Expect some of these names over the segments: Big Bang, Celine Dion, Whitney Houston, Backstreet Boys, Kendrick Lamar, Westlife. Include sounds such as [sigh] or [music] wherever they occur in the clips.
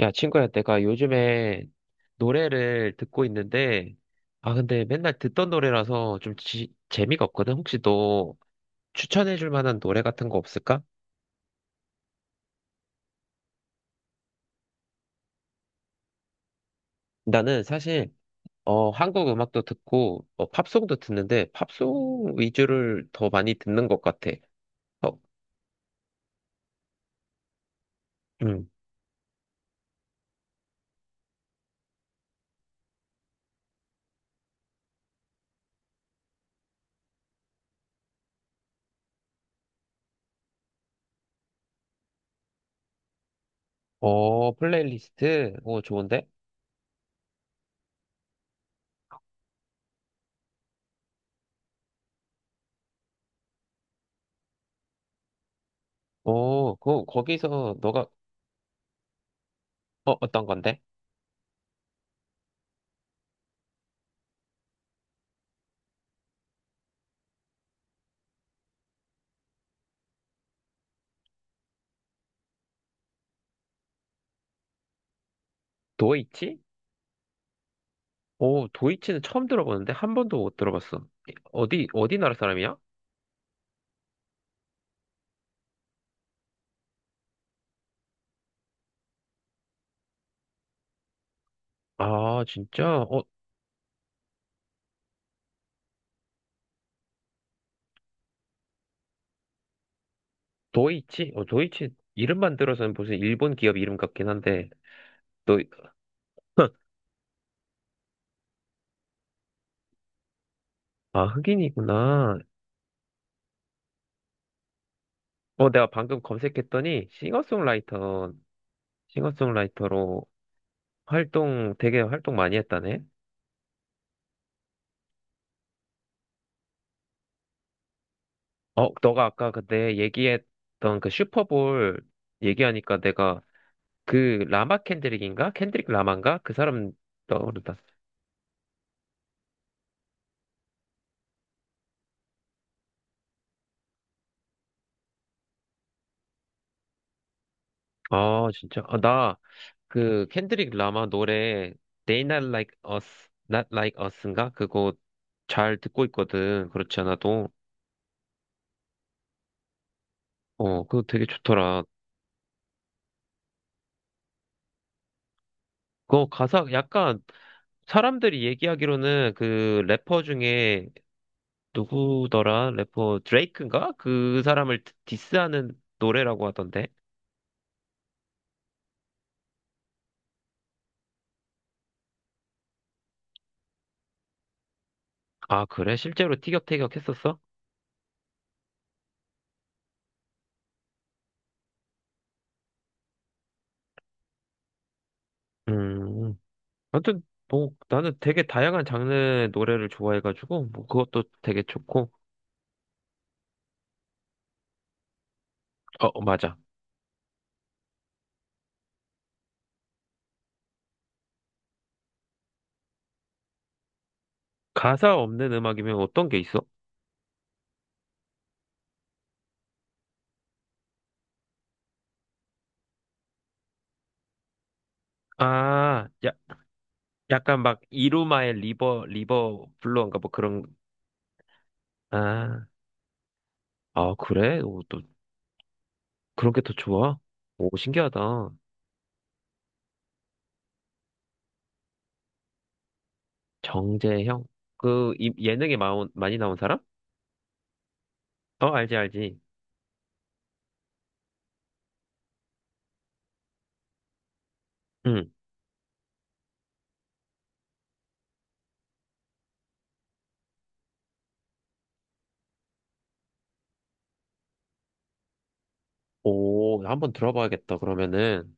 야, 친구야, 내가 요즘에 노래를 듣고 있는데, 아, 근데 맨날 듣던 노래라서 좀 재미가 없거든? 혹시 너 추천해줄 만한 노래 같은 거 없을까? 나는 사실, 한국 음악도 듣고, 팝송도 듣는데, 팝송 위주를 더 많이 듣는 것 같아. 어, 음. 플레이리스트? 오, 좋은데? 거기서 너가, 어떤 건데? 도이치? 오, 도이치는 처음 들어보는데? 한 번도 못 들어봤어. 어디 나라 사람이야? 아, 진짜? 도이치? 도이치 이름만 들어서는 무슨 일본 기업 이름 같긴 한데, 너, 아, 흑인이구나. 내가 방금 검색했더니 싱어송라이터로 되게 활동 많이 했다네? 너가 아까 그때 얘기했던 그 슈퍼볼 얘기하니까 내가 그 라마 캔드릭인가? 캔드릭 라마인가? 그 사람 떠오르다. 아, 진짜. 아, 나, 그 켄드릭 라마 노래 They Not Like Us, Not Like Us인가? 그거 잘 듣고 있거든. 그렇지 않아도. 그거 되게 좋더라. 그거 가사 약간 사람들이 얘기하기로는 그 래퍼 중에 누구더라? 래퍼 드레이크인가? 그 사람을 디스하는 노래라고 하던데. 아, 그래? 실제로 티격태격 했었어? 음. 아무튼 뭐 나는 되게 다양한 장르의 노래를 좋아해가지고 뭐 그것도 되게 좋고. 맞아. 가사 없는 음악이면 어떤 게 있어? 아, 야, 약간 막 이루마의 리버 리버 블루인가 뭐 그런 아, 아 그래? 오, 또 그런 게 더 좋아? 오 신기하다. 정재형 그 예능에 많이 나온 사람? 어 알지 알지. 응. 오 한번 들어봐야겠다. 그러면은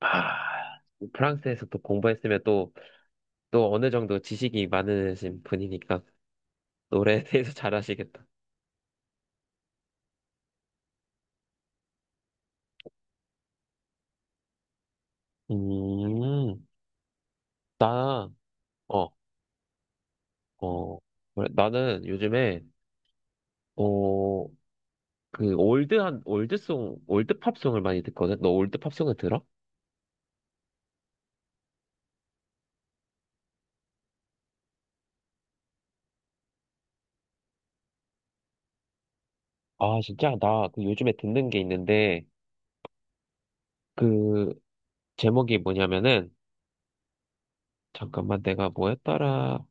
아 프랑스에서 또 공부했으면 또 어느 정도 지식이 많으신 분이니까 노래에 대해서 잘 아시겠다. 음, 나 어. 어, 그래. 나는 요즘에, 어, 올드팝송을 많이 듣거든? 너 올드팝송을 들어? 아, 진짜? 나 요즘에 듣는 게 있는데, 그, 제목이 뭐냐면은, 잠깐만 내가 뭐였더라.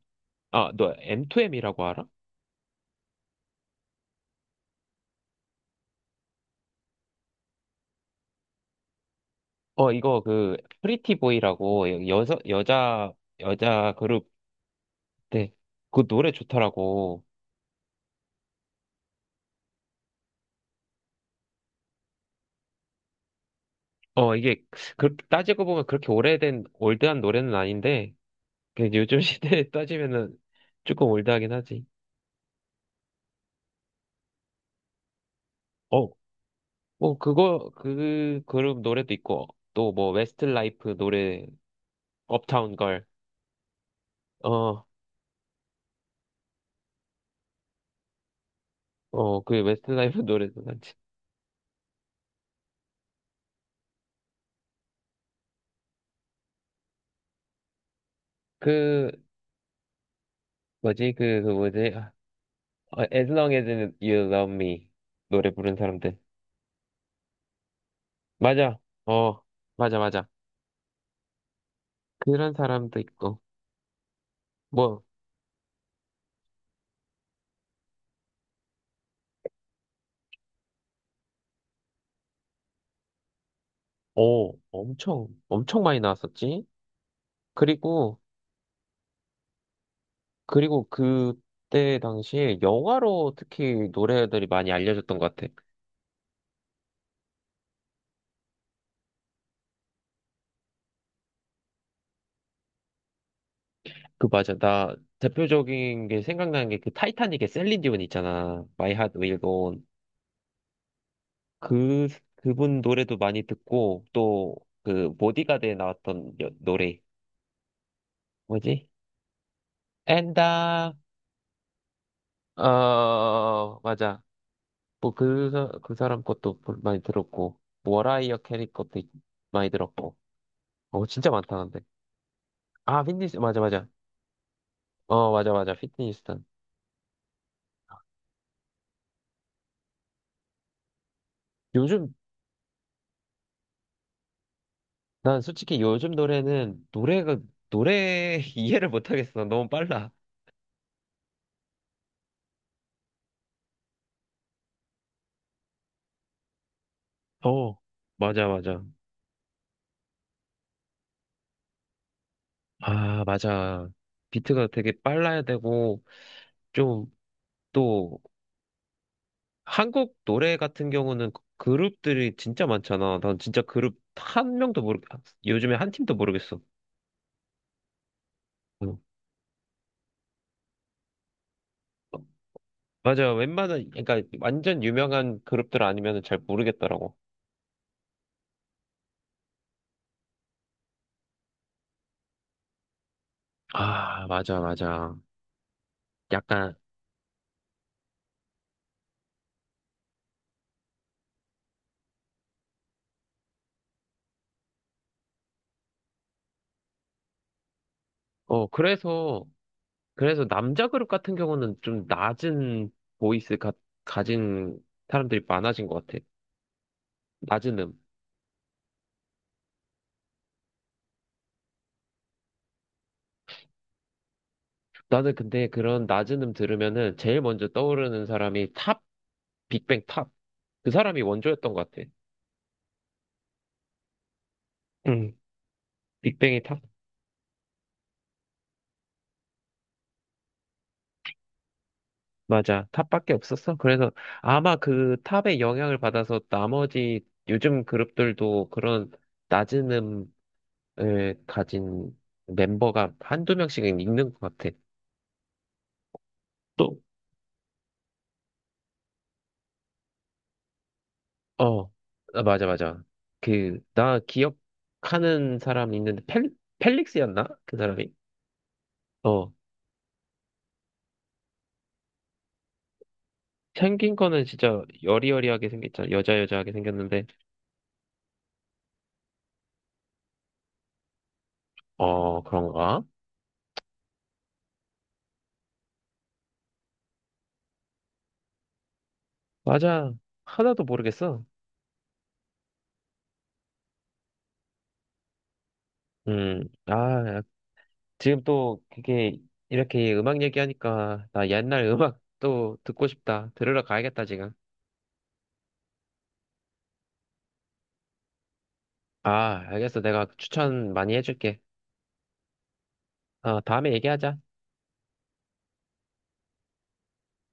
아, 너 M2M이라고 알아? 이거 프리티보이라고 여자 그룹 때, 그 노래 좋더라고. 이게, 따지고 보면 그렇게 오래된, 올드한 노래는 아닌데, 그 요즘 시대에 [laughs] 따지면은 조금 올드하긴 하지. 어, 뭐 그거 그 그룹 노래도 있고 또 뭐 웨스트라이프 노래 업타운 걸. 어, 그 웨스트라이프 노래도 많지. 그 뭐지? 그 뭐지? 아, As long as you love me 노래 부른 사람들. 맞아. 어, 맞아 맞아. 그런 사람도 있고. 뭐, 오, 엄청 엄청 많이 나왔었지. 그리고 그리고 그때 당시에 영화로 특히 노래들이 많이 알려졌던 것 같아. 그 맞아. 나 대표적인 게 생각나는 게 그 타이타닉의 셀린 디온 있잖아. My Heart Will Go On. 그 그분 노래도 많이 듣고 또 그 보디가드에 나왔던 노래 뭐지? 엔다 어 맞아. 뭐 그 사람 것도 많이 들었고 워라이어 캐리 것도 많이 들었고. 어 진짜 많다 근데. 아 휘트니스 맞아 맞아. 어 맞아 맞아 휘트니스턴. 요즘, 난 솔직히 요즘 노래 [laughs] 이해를 못하겠어. 너무 빨라. 어, 맞아, 맞아. 아, 맞아. 비트가 되게 빨라야 되고, 좀, 또, 한국 노래 같은 경우는 룹들이 진짜 많잖아. 난 진짜 그룹 한 명도 모르, 요즘에 한 팀도 모르겠어. 응. 맞아. 웬만한, 그러니까 완전 유명한 그룹들 아니면 잘 모르겠더라고. 아, 맞아, 맞아. 약간, 어, 그래서, 그래서 남자 그룹 같은 경우는 좀 낮은 보이스 가진 사람들이 많아진 것 같아. 낮은 나는 근데 그런 낮은 들으면은 제일 먼저 떠오르는 사람이 탑, 빅뱅 탑. 그 사람이 원조였던 것 같아. 응, 빅뱅이 탑? 맞아. 탑밖에 없었어. 그래서 아마 그 탑의 영향을 받아서 나머지 요즘 그룹들도 그런 낮은 음을 가진 멤버가 한두 명씩은 있는 것 같아. 어, 아, 맞아, 맞아. 나 기억하는 사람 있는데, 펠릭스였나? 그 사람이? 어, 생긴 거는 진짜 여리여리하게 생겼잖아. 여자여자하게 생겼는데, 그런가? 맞아. 하나도 모르겠어. 아, 지금 또 그게 이렇게 음악 얘기하니까 나 옛날 음악 또 듣고 싶다. 들으러 가야겠다, 지금. 아, 알겠어. 내가 추천 많이 해줄게. 다음에 얘기하자.